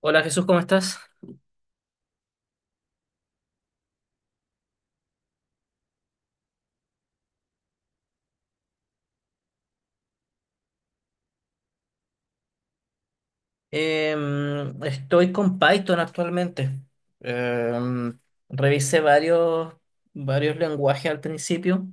Hola Jesús, ¿cómo estás? Estoy con Python actualmente. Em, revisé varios lenguajes al principio,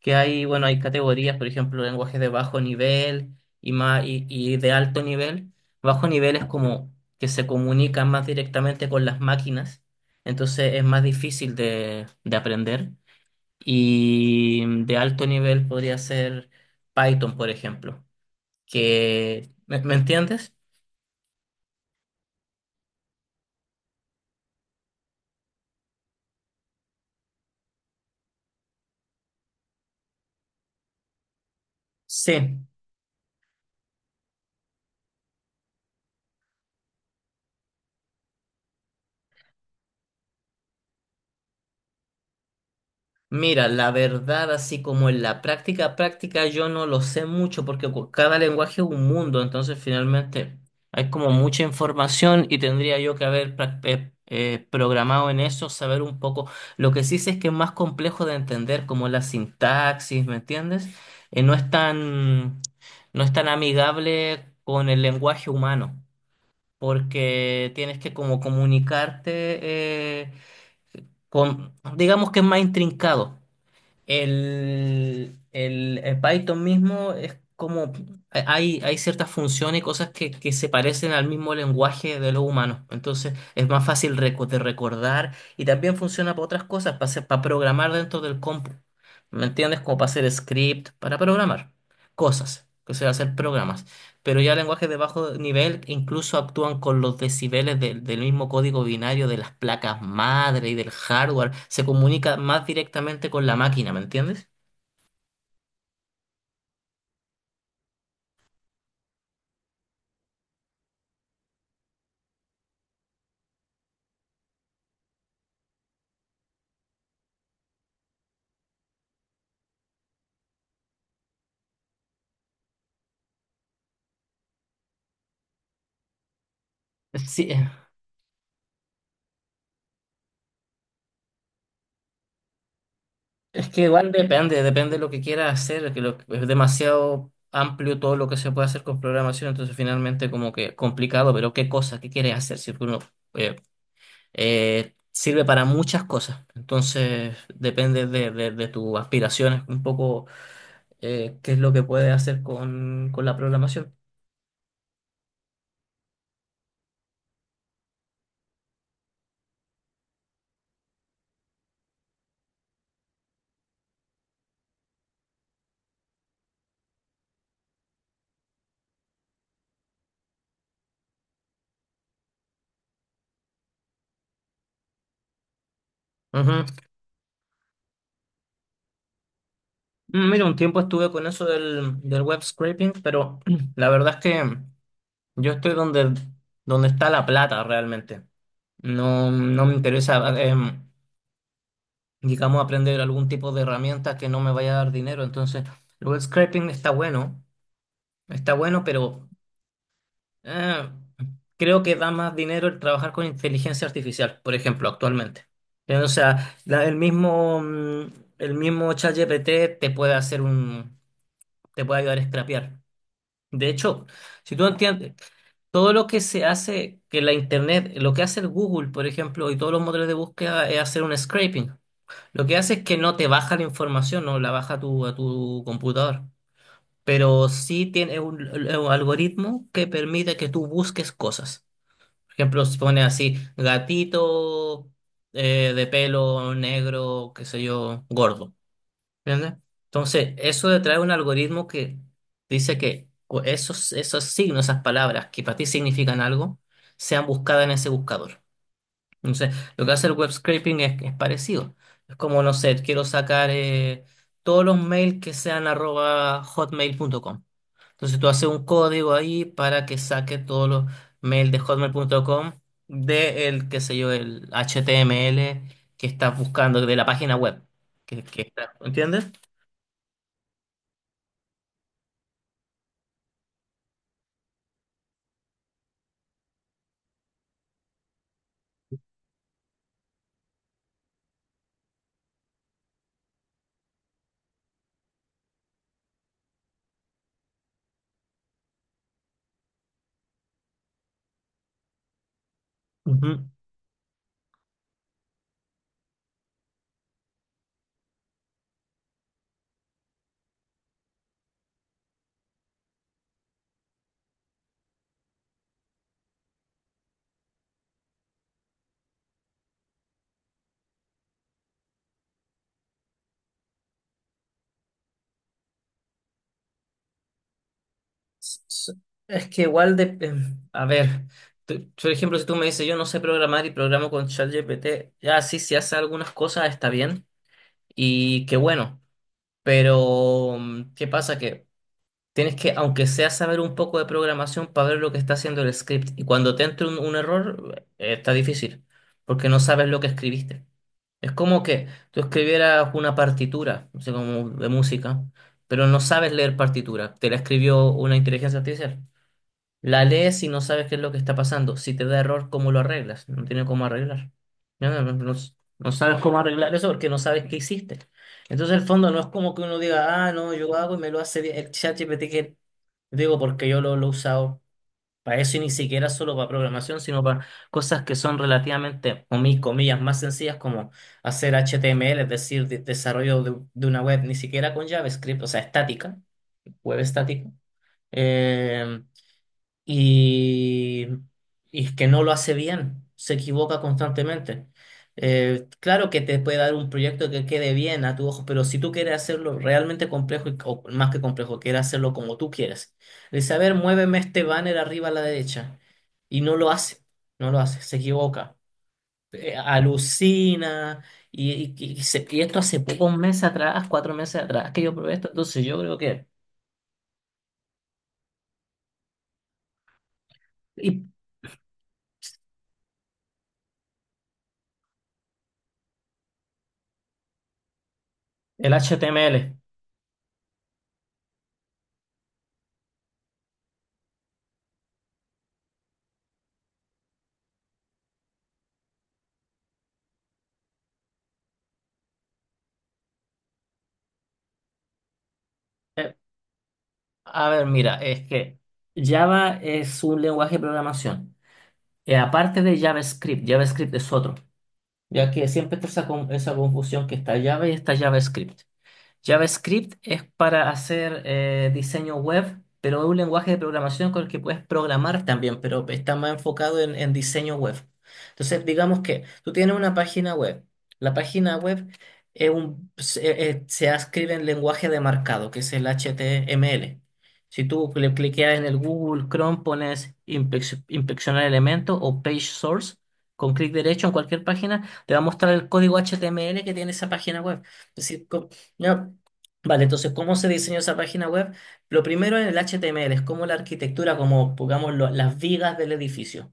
que hay, bueno, hay categorías, por ejemplo, lenguajes de bajo nivel y de alto nivel. Bajo nivel es como que se comunican más directamente con las máquinas, entonces es más difícil de aprender. Y de alto nivel podría ser Python, por ejemplo, que, ¿me entiendes? Sí, mira, la verdad, así como en la práctica práctica, yo no lo sé mucho porque cada lenguaje es un mundo, entonces finalmente hay como mucha información y tendría yo que haber programado en eso, saber un poco. Lo que sí sé es que es más complejo de entender, como la sintaxis, ¿me entiendes? Eh, no es tan, no es tan amigable con el lenguaje humano, porque tienes que como comunicarte eh, con, digamos que es más intrincado. El Python mismo es como, hay ciertas funciones y cosas que se parecen al mismo lenguaje de los humanos. Entonces es más fácil de recordar y también funciona para otras cosas, para programar dentro del compu. ¿Me entiendes? Como para hacer script, para programar cosas, que sea, hacer programas. Pero ya lenguajes de bajo nivel incluso actúan con los decibeles del mismo código binario de las placas madre y del hardware. Se comunica más directamente con la máquina, ¿me entiendes? Sí, es que igual depende, depende de lo que quiera hacer, es demasiado amplio todo lo que se puede hacer con programación, entonces finalmente como que complicado, pero qué cosa, qué quieres hacer, si uno eh, sirve para muchas cosas, entonces depende de tus aspiraciones un poco, qué es lo que puede hacer con la programación. Ujú. Mira, un tiempo estuve con eso del web scraping, pero la verdad es que yo estoy donde está la plata realmente. No, no me interesa, digamos, aprender algún tipo de herramienta que no me vaya a dar dinero. Entonces, el web scraping está bueno, pero Eh, creo que da más dinero el trabajar con inteligencia artificial, por ejemplo, actualmente. O sea, el mismo, el mismo ChatGPT te puede ayudar a scrapear. De hecho, si tú entiendes, todo lo que se hace, que la internet, lo que hace el Google, por ejemplo, y todos los motores de búsqueda es hacer un scraping. Lo que hace es que no te baja la información, no la baja a tu computador, pero sí tiene un algoritmo que permite que tú busques cosas. Por ejemplo, se pone así, gatito de pelo negro, qué sé yo, gordo. ¿Entiendes? Entonces, eso de traer un algoritmo que dice que esos, esos signos, esas palabras que para ti significan algo, sean buscadas en ese buscador. Entonces, lo que hace el web scraping es parecido. Es como, no sé, quiero sacar todos los mails que sean arroba hotmail.com. Entonces tú haces un código ahí para que saque todos los mails de hotmail.com de el, qué sé yo, el HTML que estás buscando de la página web. ¿Entiendes? Ujú. S- s- Es que igual a ver, por ejemplo, si tú me dices yo no sé programar y programo con ChatGPT, ya sí, si hace algunas cosas está bien y qué bueno, pero ¿qué pasa? Que tienes que, aunque sea saber un poco de programación para ver lo que está haciendo el script. Y cuando te entra un error, está difícil, porque no sabes lo que escribiste. Es como que tú escribieras una partitura, no sé, como de música, pero no sabes leer partitura. Te la escribió una inteligencia artificial. La lees y no sabes qué es lo que está pasando. Si te da error, ¿cómo lo arreglas? No tiene cómo arreglar. No, no, no sabes cómo arreglar eso porque no sabes qué hiciste. Entonces, el fondo no es como que uno diga, ah, no, yo hago y me lo hace bien. El ChatGPT que digo porque yo lo he usado para eso y ni siquiera solo para programación, sino para cosas que son relativamente, o mis comillas, más sencillas como hacer HTML, es decir, desarrollo de una web, ni siquiera con JavaScript, o sea, estática, web estática. Eh, y, y es que no lo hace bien, se equivoca constantemente. Claro que te puede dar un proyecto que quede bien a tu ojo, pero si tú quieres hacerlo realmente complejo, o más que complejo, quieres hacerlo como tú quieres, le dice, a ver, muéveme este banner arriba a la derecha, y no lo hace, no lo hace, se equivoca, alucina, y esto hace poco, un mes atrás, cuatro meses atrás, que yo probé esto, entonces yo creo que... Y el HTML. A ver, mira, es que Java es un lenguaje de programación. Y aparte de JavaScript, JavaScript es otro, ya que siempre está esa, esa confusión que está Java y está JavaScript. JavaScript es para hacer diseño web, pero es un lenguaje de programación con el que puedes programar también, pero está más enfocado en diseño web. Entonces, digamos que tú tienes una página web. La página web es se escribe en lenguaje de marcado, que es el HTML. Si tú le cliqueas en el Google Chrome, pones inspeccionar elemento o page source, con clic derecho en cualquier página, te va a mostrar el código HTML que tiene esa página web. Es decir, ya. Vale, entonces, ¿cómo se diseñó esa página web? Lo primero en el HTML es como la arquitectura, como pongamos las vigas del edificio.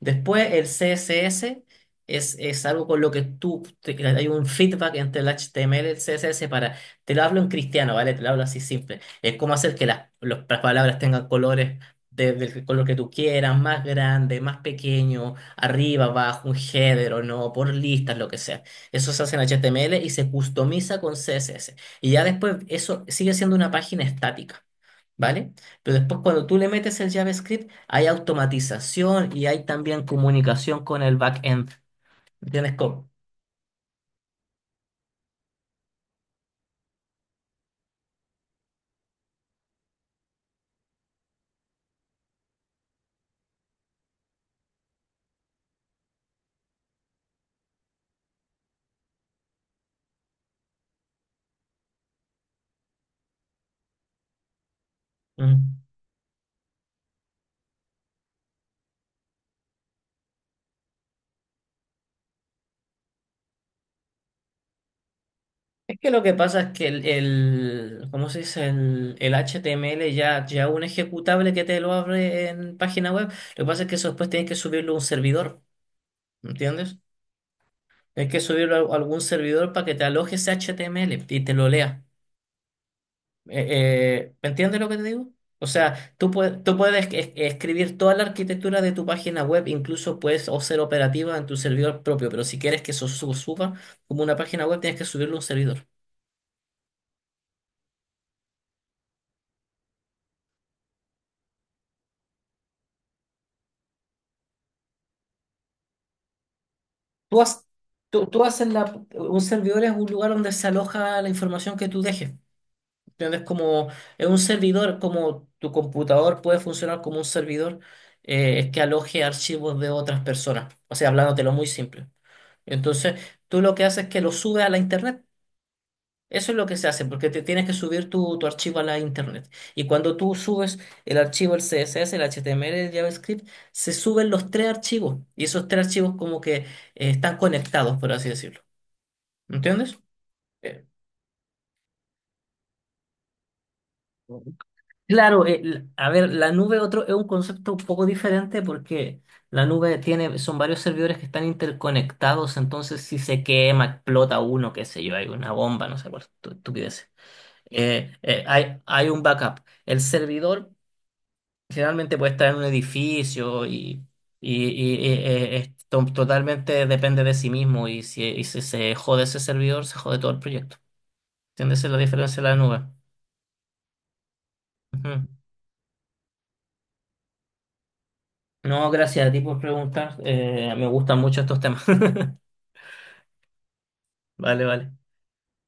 Después, el CSS es algo con lo que que hay un feedback entre el HTML y el CSS para, te lo hablo en cristiano, ¿vale? Te lo hablo así simple. Es cómo hacer que las palabras tengan colores del color que tú quieras, más grande, más pequeño, arriba, abajo, un header o no, por listas, lo que sea. Eso se hace en HTML y se customiza con CSS. Y ya después eso sigue siendo una página estática, ¿vale? Pero después cuando tú le metes el JavaScript, hay automatización y hay también comunicación con el backend. ¿Entiendes cómo? Mm. Es que lo que pasa es que ¿cómo se dice? El HTML ya, ya un ejecutable que te lo abre en página web, lo que pasa es que eso después tienes que subirlo a un servidor, ¿entiendes? Tienes que subirlo a algún servidor para que te aloje ese HTML y te lo lea. Eh, ¿Me entiendes lo que te digo? O sea, tú puedes escribir toda la arquitectura de tu página web, incluso puedes o ser operativa en tu servidor propio, pero si quieres que eso suba como una página web, tienes que subirlo a un servidor. Tú, has- tú haces un servidor es un lugar donde se aloja la información que tú dejes. ¿Entiendes? Como es un servidor, como tu computador puede funcionar como un servidor, es que aloje archivos de otras personas. O sea, hablándotelo muy simple. Entonces, tú lo que haces es que lo subes a la internet. Eso es lo que se hace, porque te tienes que subir tu, tu archivo a la internet. Y cuando tú subes el archivo, el CSS, el HTML, el JavaScript, se suben los tres archivos. Y esos tres archivos como que están conectados, por así decirlo. ¿Entiendes? Eh, Claro, a ver, la nube otro, es un concepto un poco diferente porque la nube tiene, son varios servidores que están interconectados, entonces si se quema, explota uno, qué sé yo, hay una bomba, no sé cuál estupidez. Hay un backup. El servidor generalmente puede estar en un edificio y es totalmente depende de sí mismo y si se jode ese servidor, se jode todo el proyecto. ¿Entiendes? Esa es la diferencia de la nube. Ujú. No, gracias a ti por preguntar. Me gustan mucho estos temas. Vale, vale.